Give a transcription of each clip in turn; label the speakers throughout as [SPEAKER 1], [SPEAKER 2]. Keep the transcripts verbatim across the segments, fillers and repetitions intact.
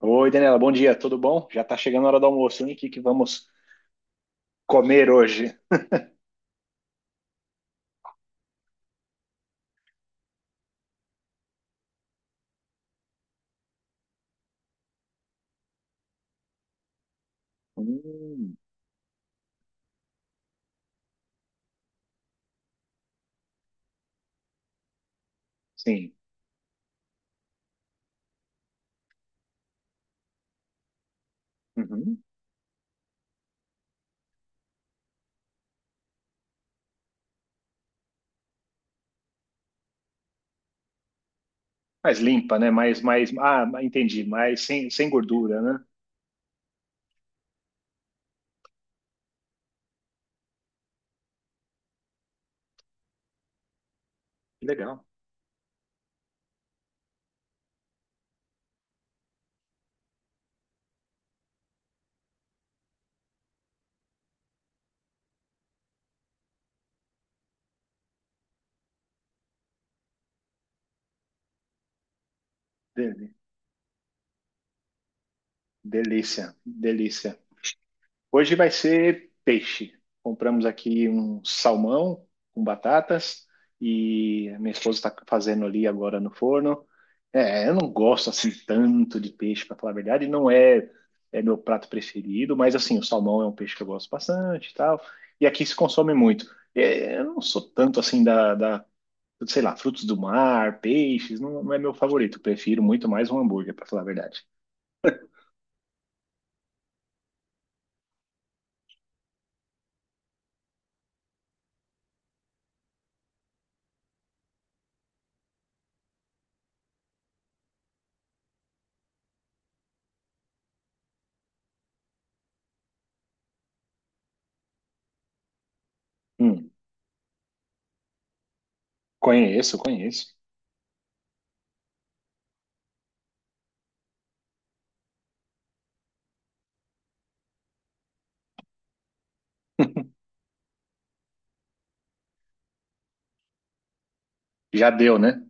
[SPEAKER 1] Oi, Daniela, bom dia, tudo bom? Já está chegando a hora do almoço, hein? O que que vamos comer hoje? Hum, sim. Uhum. Mais limpa, né? Mais, mais, ah, entendi, mais sem, sem gordura, né? Que legal. De- Delícia, delícia. Hoje vai ser peixe. Compramos aqui um salmão com batatas e a minha esposa está fazendo ali agora no forno. É, eu não gosto assim tanto de peixe, para falar a verdade, não é, é meu prato preferido, mas assim, o salmão é um peixe que eu gosto bastante e tal, e aqui se consome muito. É, eu não sou tanto assim da, da, sei lá, frutos do mar, peixes, não, não é meu favorito, prefiro muito mais um hambúrguer, para falar a verdade. Hum, conheço, conheço. Já deu, né?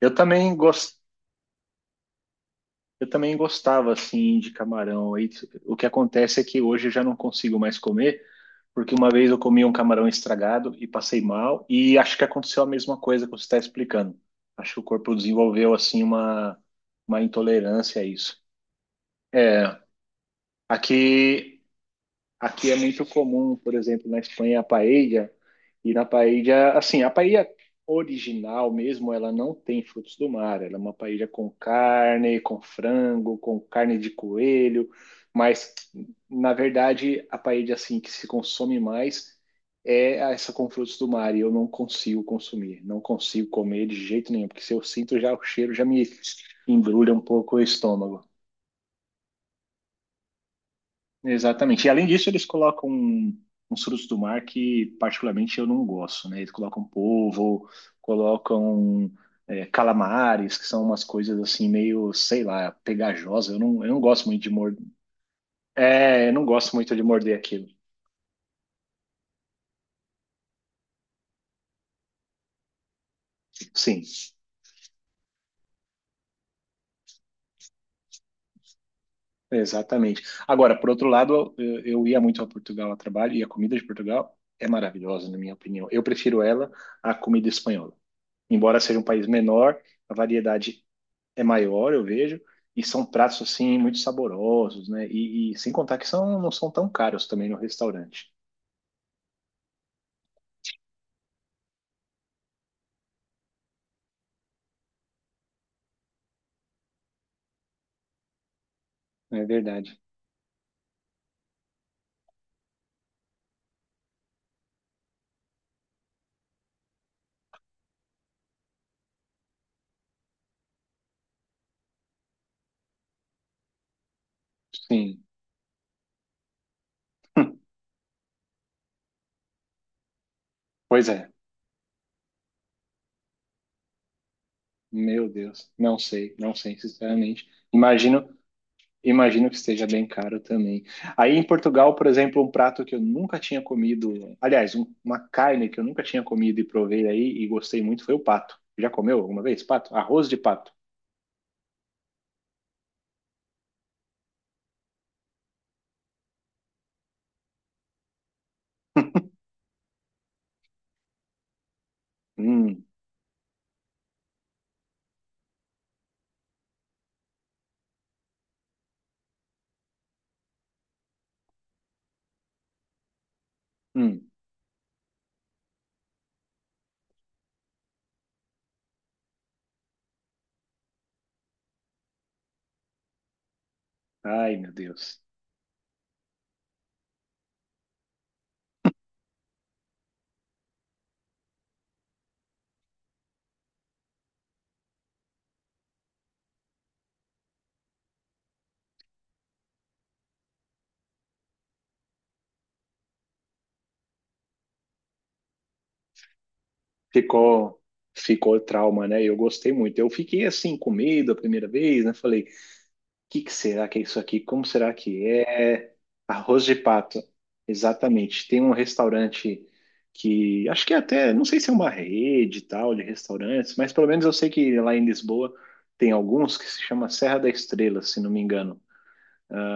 [SPEAKER 1] Eu também gos- eu também gostava assim de camarão. E o que acontece é que hoje eu já não consigo mais comer, porque uma vez eu comi um camarão estragado e passei mal, e acho que aconteceu a mesma coisa que você está explicando. Acho que o corpo desenvolveu assim uma, uma intolerância a isso. É, aqui aqui é muito comum, por exemplo, na Espanha, a paella. E na paella, assim, a paella original mesmo, ela não tem frutos do mar. Ela é uma paella com carne, com frango, com carne de coelho. Mas, na verdade, a paella, assim, que se consome mais é essa com frutos do mar. E eu não consigo consumir, não consigo comer de jeito nenhum. Porque se eu sinto já o cheiro, já me embrulha um pouco o estômago. Exatamente. E além disso, eles colocam uns frutos do mar que particularmente eu não gosto, né? Eles colocam polvo, colocam é, calamares, que são umas coisas assim meio, sei lá, pegajosa. Eu não, eu não gosto muito de morder. É, eu não gosto muito de morder aquilo. Sim, exatamente. Agora, por outro lado, eu, eu ia muito a Portugal a trabalho e a comida de Portugal é maravilhosa, na minha opinião. Eu prefiro ela à comida espanhola. Embora seja um país menor, a variedade é maior, eu vejo, e são pratos assim muito saborosos, né? E, e sem contar que são, não são tão caros também no restaurante. É verdade. Sim. Pois é. Meu Deus. Não sei, não sei, sinceramente. Imagino, imagino que esteja bem caro também. Aí em Portugal, por exemplo, um prato que eu nunca tinha comido, aliás, um- uma carne que eu nunca tinha comido e provei aí e gostei muito foi o pato. Já comeu alguma vez pato? Arroz de pato. Hum, hum. Ai, meu Deus. ficou Ficou trauma, né? Eu gostei muito. Eu fiquei assim com medo a primeira vez, né? Falei, o que que será que é isso aqui? Como será que é? Arroz de pato. Exatamente. Tem um restaurante que acho que é até, não sei se é uma rede e tal de restaurantes, mas pelo menos eu sei que lá em Lisboa tem alguns que se chama Serra da Estrela, se não me engano.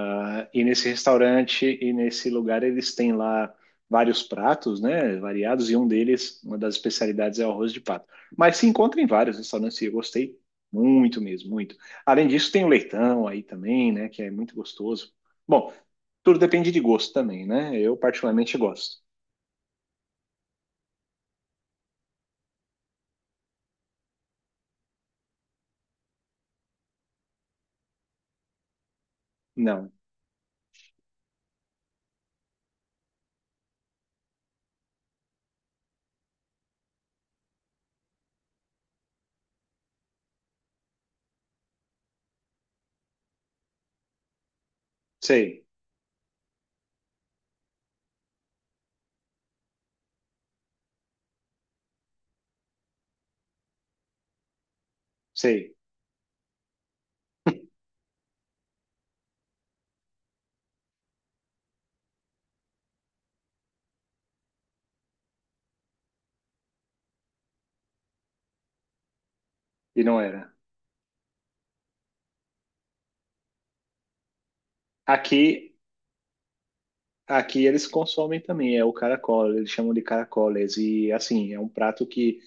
[SPEAKER 1] Ah, e nesse restaurante e nesse lugar eles têm lá vários pratos, né, variados, e um deles, uma das especialidades é o arroz de pato. Mas se encontra em vários restaurantes e eu gostei muito mesmo, muito. Além disso, tem o leitão aí também, né, que é muito gostoso. Bom, tudo depende de gosto também, né? Eu particularmente gosto. Não, sei, sei, e não era. Aqui Aqui eles consomem também, é o caracol, eles chamam de caracoles. E assim, é um prato que,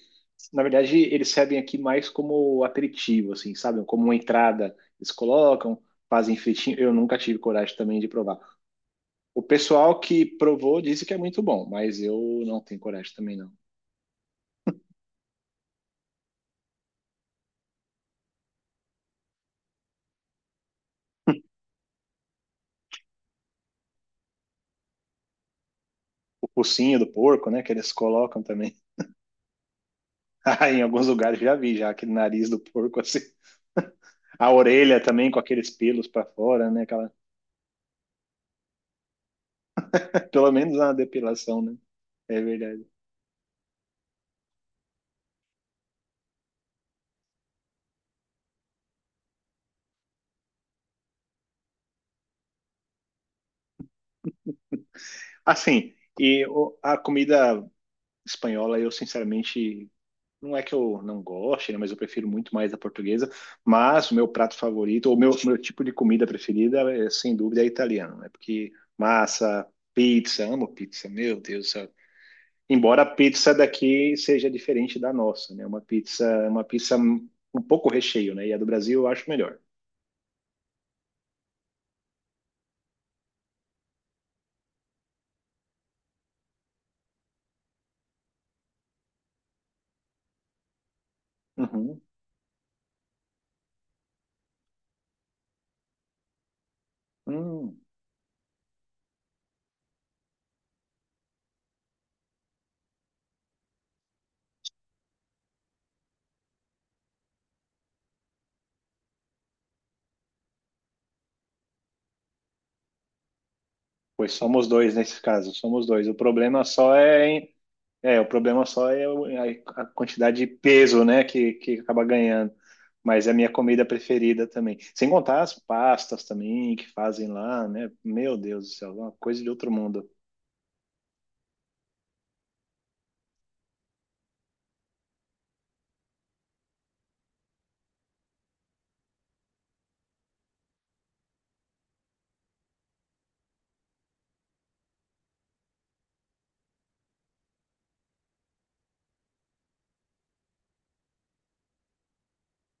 [SPEAKER 1] na verdade, eles servem aqui mais como aperitivo, assim, sabe? Como uma entrada. Eles colocam, fazem fritinho. Eu nunca tive coragem também de provar. O pessoal que provou disse que é muito bom, mas eu não tenho coragem também, não. O focinho do porco, né, que eles colocam também. Ah, em alguns lugares já vi, já aquele nariz do porco, assim. A orelha também com aqueles pelos para fora, né? Aquela... Pelo menos uma depilação, né? É verdade. Assim, e o- a comida espanhola, eu sinceramente, não é que eu não goste, né, mas eu prefiro muito mais a portuguesa. Mas o meu prato favorito, ou meu, meu tipo de comida preferida, é, sem dúvida, é italiano, né? Porque massa, pizza, amo pizza, meu Deus do céu. Embora a pizza daqui seja diferente da nossa, né? Uma pizza, uma pizza um pouco recheio, né? E a do Brasil eu acho melhor. Uhum. Hum. Pois somos dois nesse caso, somos dois. O problema só é, em- é, o problema só é o- é a a quantidade de peso, né, que, que acaba ganhando. Mas é a minha comida preferida também. Sem contar as pastas também que fazem lá, né? Meu Deus do céu, é uma coisa de outro mundo.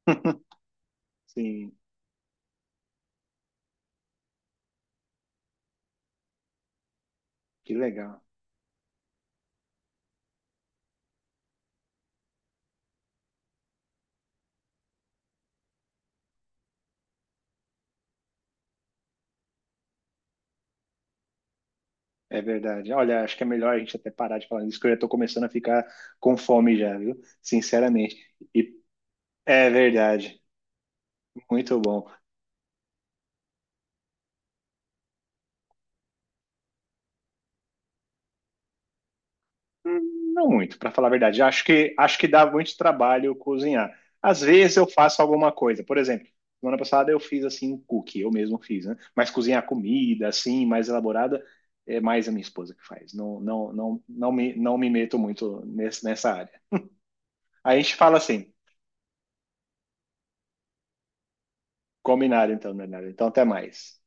[SPEAKER 1] Sim, que legal. É verdade. Olha, acho que é melhor a gente até parar de falar isso, que eu já estou começando a ficar com fome já, viu? Sinceramente. E é verdade. Muito bom. Hum, Não muito, para falar a verdade. Acho que acho que dá muito trabalho cozinhar. Às vezes eu faço alguma coisa. Por exemplo, semana passada eu fiz assim um cookie, eu mesmo fiz, né? Mas cozinhar comida assim, mais elaborada, é mais a minha esposa que faz. Não não não não me não me meto muito nesse, nessa área. A gente fala assim, combinado então, Bernardo. Então até mais.